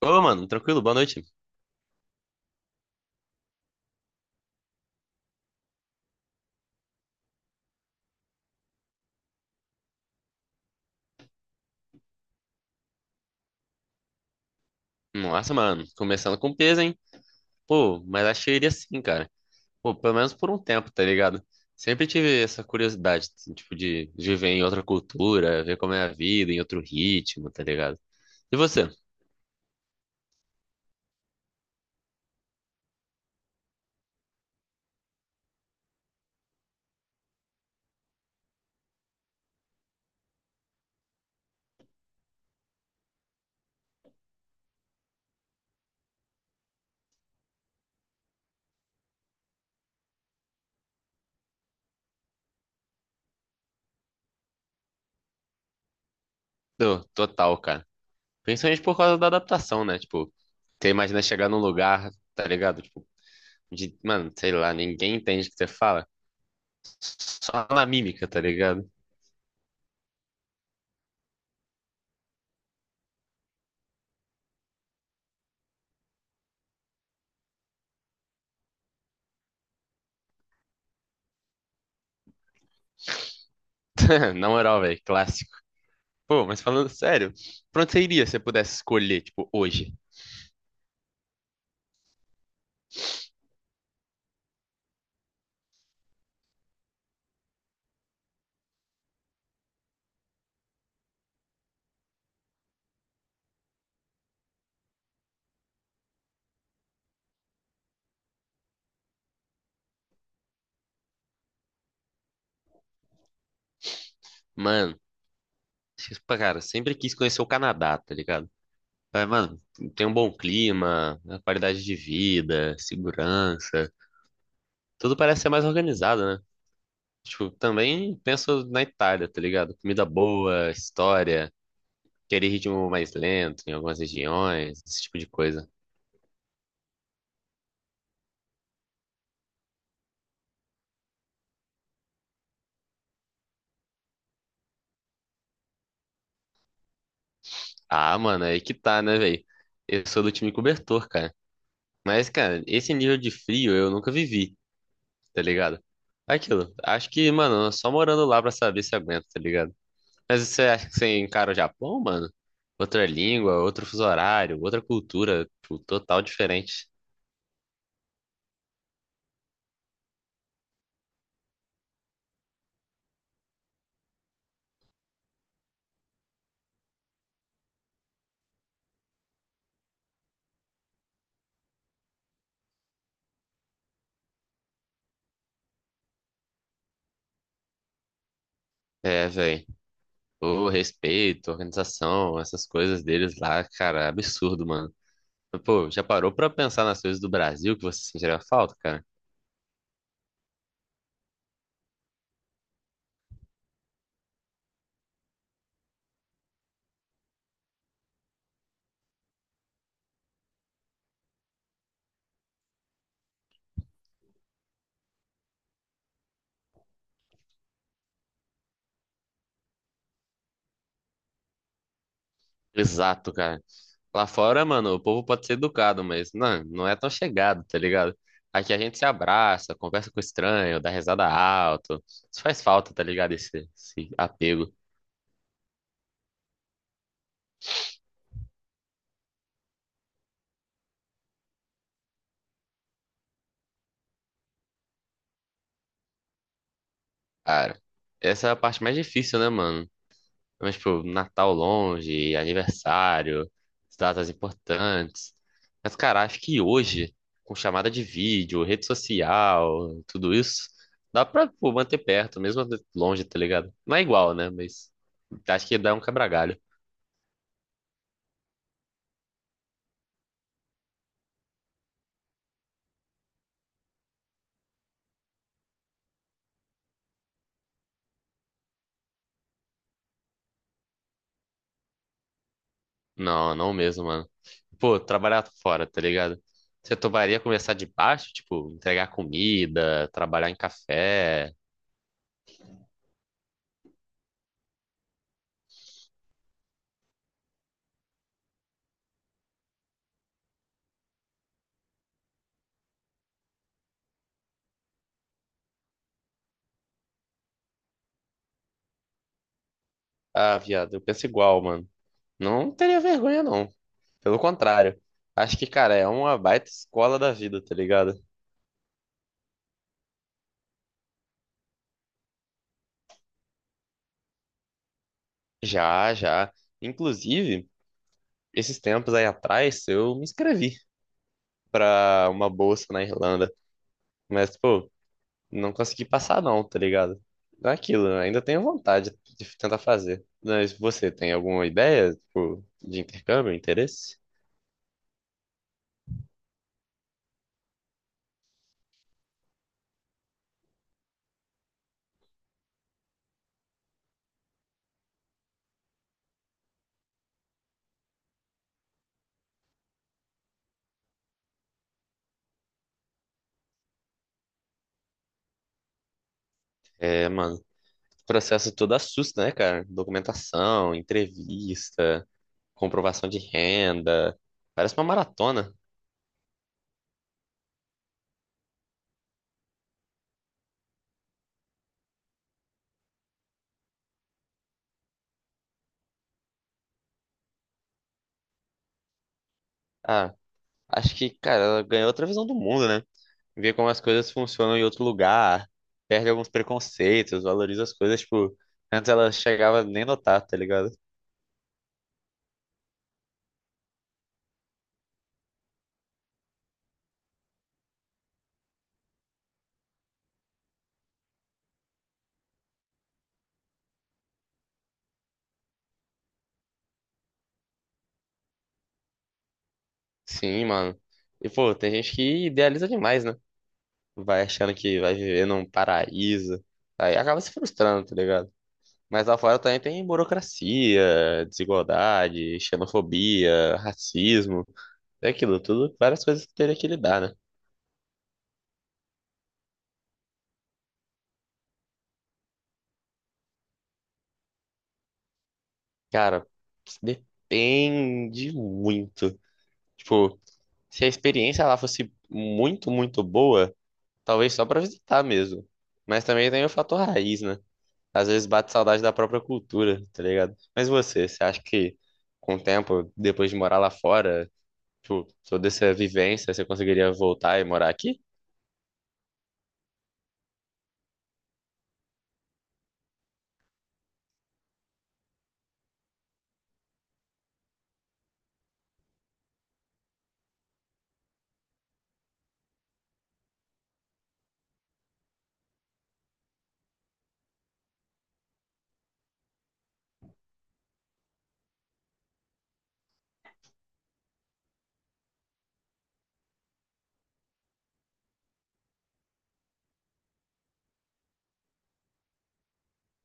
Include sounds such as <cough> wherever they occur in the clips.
Ô, mano, tranquilo, boa noite. Nossa, mano, começando com peso, hein? Pô, mas acho que eu iria sim, cara. Pô, pelo menos por um tempo, tá ligado? Sempre tive essa curiosidade, assim, tipo, de viver em outra cultura, ver como é a vida, em outro ritmo, tá ligado? E você? Tô, total, cara. Principalmente por causa da adaptação, né? Tipo, você imagina chegar num lugar, tá ligado? Tipo, de, mano, sei lá, ninguém entende o que você fala. Só na mímica, tá ligado? <laughs> Na moral, velho, clássico. Pô, mas falando sério, pra onde você iria se você pudesse escolher, tipo, hoje? Mano, tipo, cara, sempre quis conhecer o Canadá, tá ligado? Mas, mano, tem um bom clima, né, qualidade de vida, segurança, tudo parece ser mais organizado, né? Tipo, também penso na Itália, tá ligado? Comida boa, história, querer ritmo mais lento em algumas regiões, esse tipo de coisa. Ah, mano, aí que tá, né, velho? Eu sou do time cobertor, cara. Mas, cara, esse nível de frio eu nunca vivi, tá ligado? É aquilo. Acho que, mano, só morando lá pra saber se aguenta, tá ligado? Mas você acha que você encara o Japão, mano? Outra língua, outro fuso horário, outra cultura, tipo, total diferente. É, velho. O respeito, a organização, essas coisas deles lá, cara, é absurdo, mano. Mas, pô, já parou pra pensar nas coisas do Brasil que você sentiria falta, cara? Exato, cara. Lá fora, mano, o povo pode ser educado, mas não é tão chegado, tá ligado? Aqui a gente se abraça, conversa com o estranho, dá risada alto. Isso faz falta, tá ligado? Esse apego. Cara, essa é a parte mais difícil, né, mano? Mas, tipo, Natal longe, aniversário, datas importantes. Mas, cara, acho que hoje, com chamada de vídeo, rede social, tudo isso, dá pra, pô, manter perto, mesmo longe, tá ligado? Não é igual, né? Mas acho que dá um quebra-galho. Não, não mesmo, mano. Pô, trabalhar fora, tá ligado? Você toparia começar de baixo, tipo, entregar comida, trabalhar em café? Ah, viado, eu penso igual, mano. Não teria vergonha, não. Pelo contrário. Acho que, cara, é uma baita escola da vida, tá ligado? Já, já. Inclusive, esses tempos aí atrás, eu me inscrevi pra uma bolsa na Irlanda. Mas, pô, não consegui passar não, tá ligado? Não é aquilo, eu ainda tenho vontade de tentar fazer. Mas você tem alguma ideia, tipo, de intercâmbio, interesse? É, mano, o processo todo assusta, né, cara? Documentação, entrevista, comprovação de renda. Parece uma maratona. Ah, acho que, cara, ela ganhou outra visão do mundo, né? Vê como as coisas funcionam em outro lugar, perde alguns preconceitos, valoriza as coisas, tipo, antes ela chegava nem notar, tá ligado? Sim, mano. E, pô, tem gente que idealiza demais, né? Vai achando que vai viver num paraíso, aí acaba se frustrando, tá ligado? Mas lá fora também tem burocracia, desigualdade, xenofobia, racismo, é aquilo tudo, várias coisas que teria que lidar, né? Cara, depende muito. Tipo, se a experiência lá fosse muito, muito boa, talvez só pra visitar mesmo. Mas também tem o fator raiz, né? Às vezes bate saudade da própria cultura, tá ligado? Mas você acha que com o tempo, depois de morar lá fora, tipo, toda essa vivência, você conseguiria voltar e morar aqui?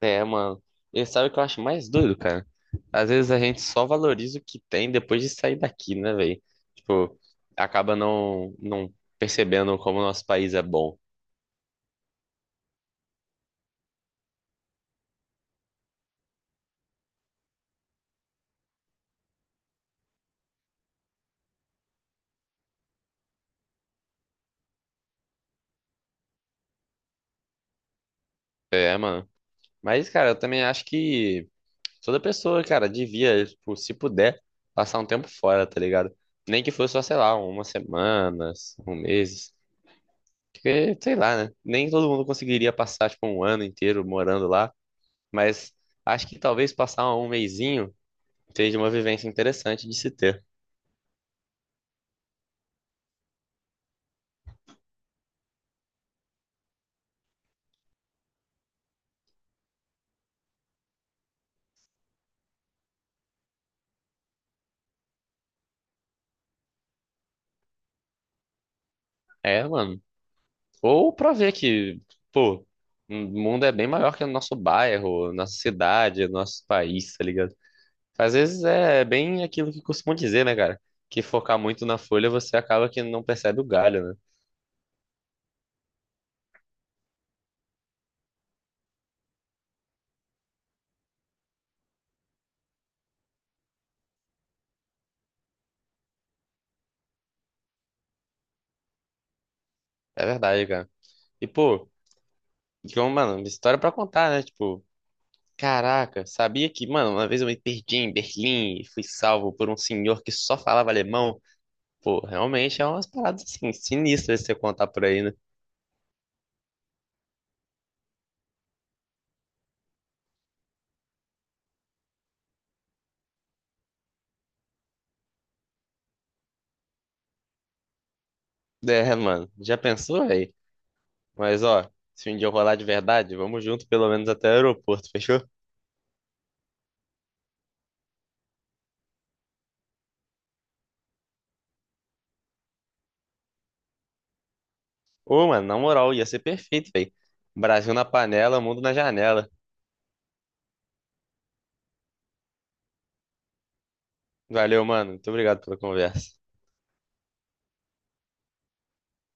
É, mano. E sabe o que eu acho mais doido, cara? Às vezes a gente só valoriza o que tem depois de sair daqui, né, velho? Tipo, acaba não percebendo como o nosso país é bom. É, mano. Mas, cara, eu também acho que toda pessoa, cara, devia, tipo, se puder, passar um tempo fora, tá ligado? Nem que fosse só, sei lá, umas semanas, um mês. Porque, sei lá, né? Nem todo mundo conseguiria passar, tipo, um ano inteiro morando lá. Mas acho que talvez passar um mesinho seja uma vivência interessante de se ter. É, mano. Ou pra ver que, pô, o mundo é bem maior que o nosso bairro, nossa cidade, nosso país, tá ligado? Às vezes é bem aquilo que costumam dizer, né, cara? Que focar muito na folha você acaba que não percebe o galho, né? É verdade, cara. E, pô, então, mano, história pra contar, né? Tipo, caraca, sabia que, mano, uma vez eu me perdi em Berlim e fui salvo por um senhor que só falava alemão. Pô, realmente é umas paradas assim, sinistras de você contar por aí, né? É, mano, já pensou, aí? Mas, ó, se um dia eu rolar de verdade, vamos junto pelo menos até o aeroporto, fechou? Ô, mano, na moral, ia ser perfeito, velho. Brasil na panela, mundo na janela. Valeu, mano. Muito obrigado pela conversa.